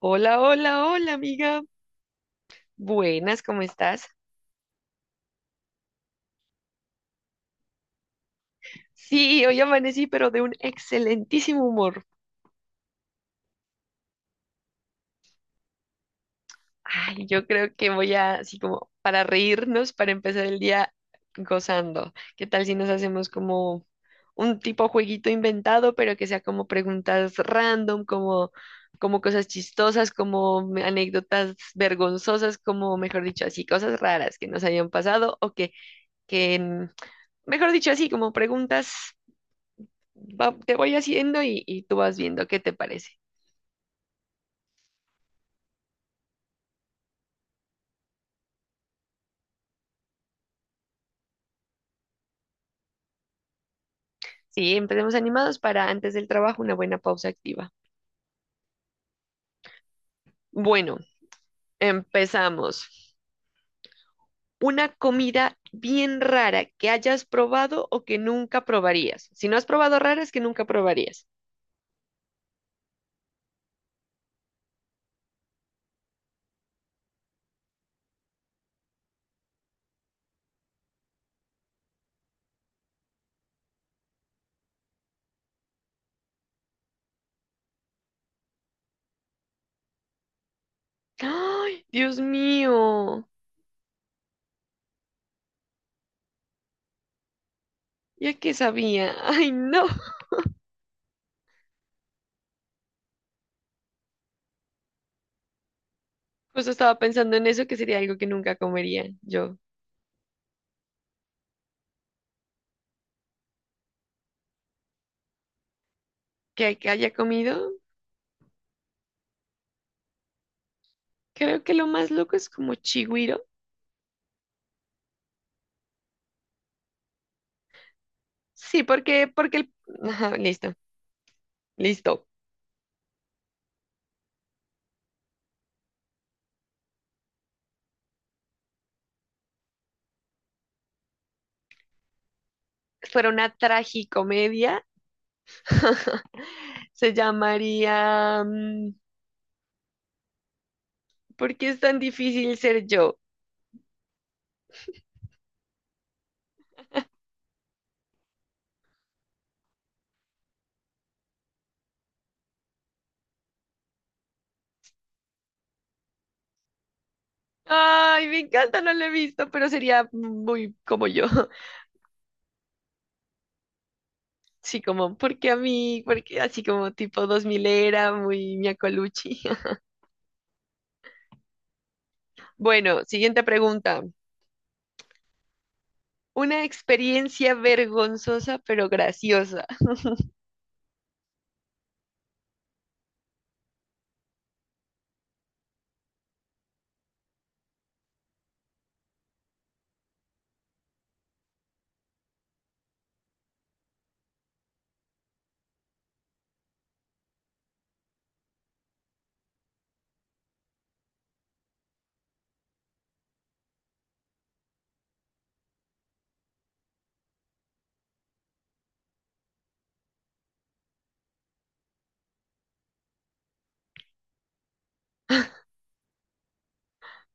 Hola, hola, hola, amiga. Buenas, ¿cómo estás? Sí, hoy amanecí, pero de un excelentísimo humor. Ay, yo creo que voy a, así como, para reírnos, para empezar el día gozando. ¿Qué tal si nos hacemos como un tipo jueguito inventado, pero que sea como preguntas random, como, cosas chistosas, como anécdotas vergonzosas, como, mejor dicho, así, cosas raras que nos hayan pasado o que, mejor dicho, así, como preguntas. Te voy haciendo y, tú vas viendo qué te parece. Sí, empecemos animados, para antes del trabajo una buena pausa activa. Bueno, empezamos. Una comida bien rara que hayas probado o que nunca probarías. Si no has probado, raras que nunca probarías. ¡Ay, Dios mío! Ya qué sabía. ¡Ay, no! Justo estaba pensando en eso, que sería algo que nunca comería yo. ¿Que haya comido? Creo que lo más loco es como chigüiro. Sí, porque, el... Ajá, listo. Listo. Fuera una tragicomedia. Se llamaría, ¿por qué es tan difícil ser yo? Ay, me encanta, no lo he visto, pero sería muy como yo. Sí, como, ¿por qué a mí? Porque así como tipo 2000 era, muy miacoluchi. Bueno, siguiente pregunta. Una experiencia vergonzosa pero graciosa.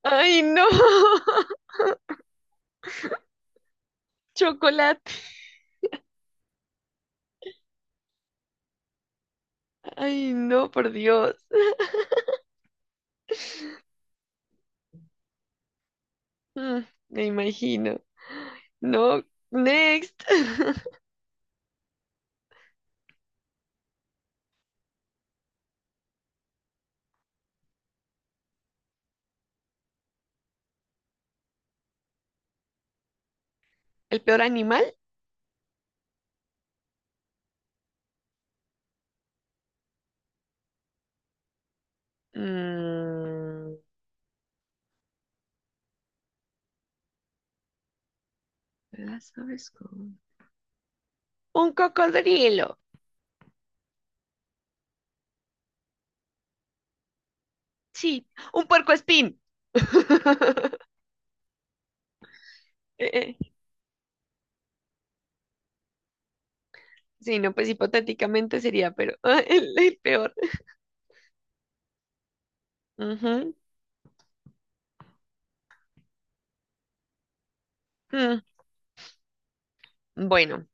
Ay, no. Chocolate. Ay, no, por Dios. Mm, Me imagino. No, next. ¿El peor animal? Mm, las un cocodrilo. Sí, un puercoespín. Eh, eh, sí, no, pues hipotéticamente sería, pero ah, el peor. Ujú. Mm, Bueno,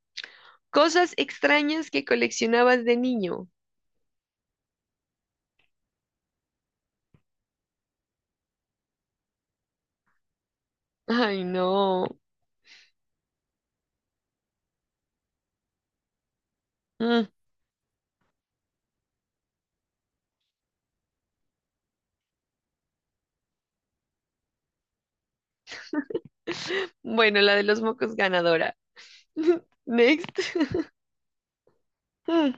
cosas extrañas que coleccionabas de niño. Ay, no. Mm, Bueno, la de los mocos ganadora. Next. Mm,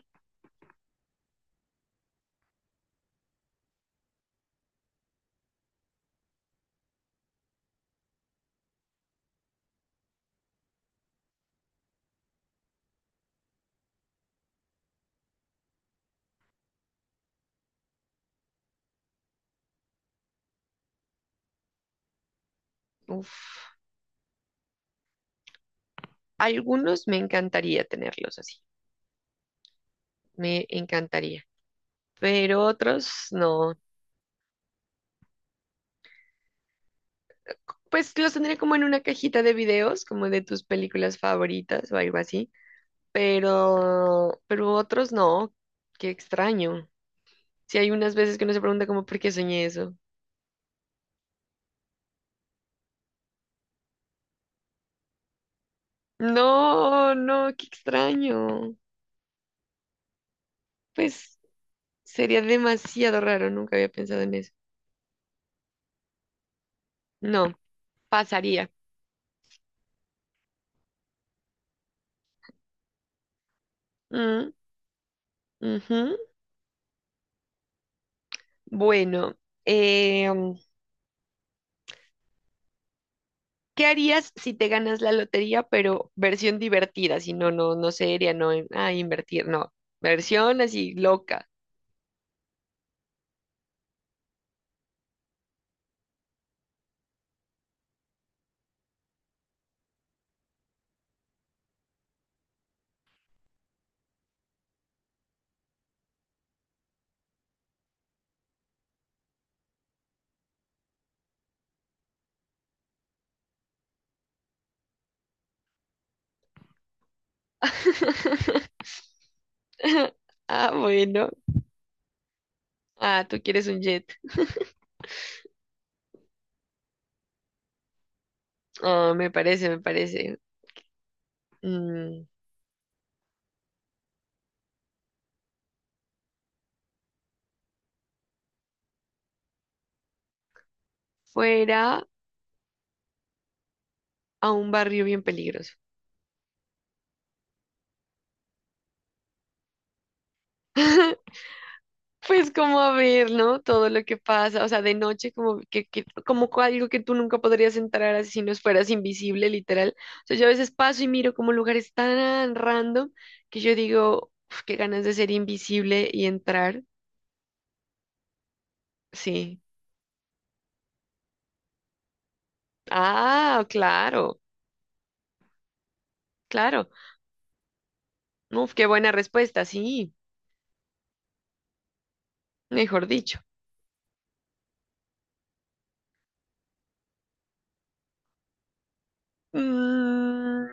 Uf. Algunos me encantaría tenerlos así. Me encantaría. Pero otros no. Pues los tendría como en una cajita de videos, como de tus películas favoritas o algo así. Pero otros no. Qué extraño. Si hay unas veces que uno se pregunta como por qué soñé eso. No, no, qué extraño. Pues sería demasiado raro, nunca había pensado en eso. No, pasaría. Mm, ujú. Bueno, em, ¿qué harías si te ganas la lotería, pero versión divertida? Si no, no, invertir, no. Versión así loca. Ah, bueno. Ah, tú quieres un jet. Ah, me parece, me parece. Mm, fuera a un barrio bien peligroso. Pues como a ver, ¿no? Todo lo que pasa, o sea, de noche, como que, algo que tú nunca podrías entrar así si no fueras invisible, literal. O sea, yo a veces paso y miro como lugares tan random que yo digo, "Uf, qué ganas de ser invisible y entrar". Sí. Ah, claro, claro. Uf, qué buena respuesta, sí, mejor dicho. Mm,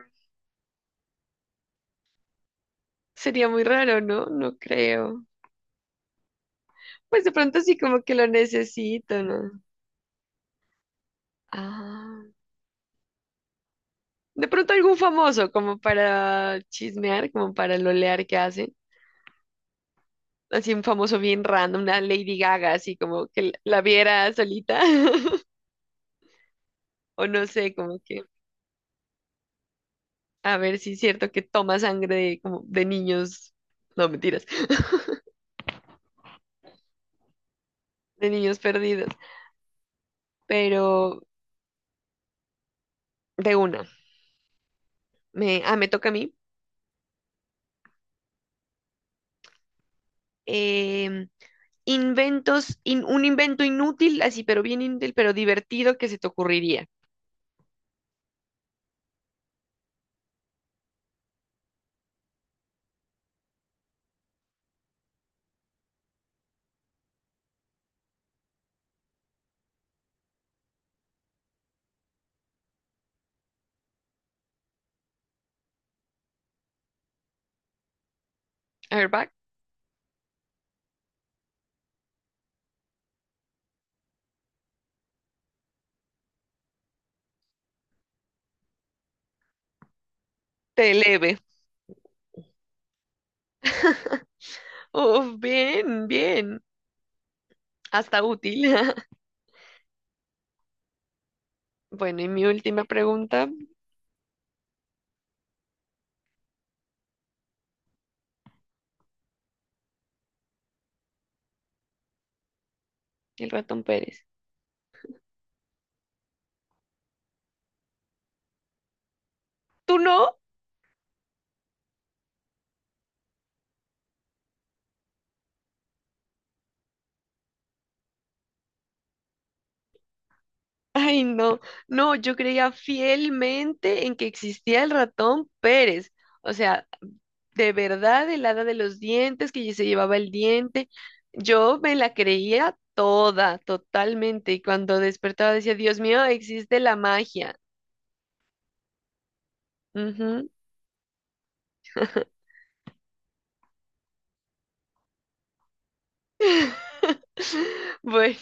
sería muy raro, ¿no? No creo. Pues de pronto sí, como que lo necesito, ¿no? Ah. De pronto algún famoso, como para chismear, como para lolear que hacen. Así un famoso bien random, una Lady Gaga, así como que la viera solita. O no sé, como que a ver si es cierto que toma sangre de, como de niños, no mentiras, de niños perdidos. Pero de una, me, me toca a mí. Em, un invento inútil, así, pero bien inútil, pero divertido, que se te ocurriría. A ver, va, te leve. Uf, bien, bien. Hasta útil. Bueno, y mi última pregunta, el ratón Pérez. ¿Tú no? Ay, no, no, yo creía fielmente en que existía el ratón Pérez. O sea, de verdad, el hada de los dientes, que se llevaba el diente. Yo me la creía toda, totalmente. Y cuando despertaba decía, Dios mío, existe la magia. Ujú. Bueno,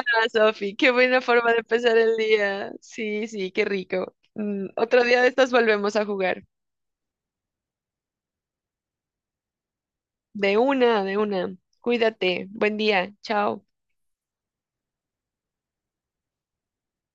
ah, Sofi, qué buena forma de empezar el día. Sí, sí, qué rico. Otro día de estas volvemos a jugar. De una, de una. Cuídate. Buen día. Chao.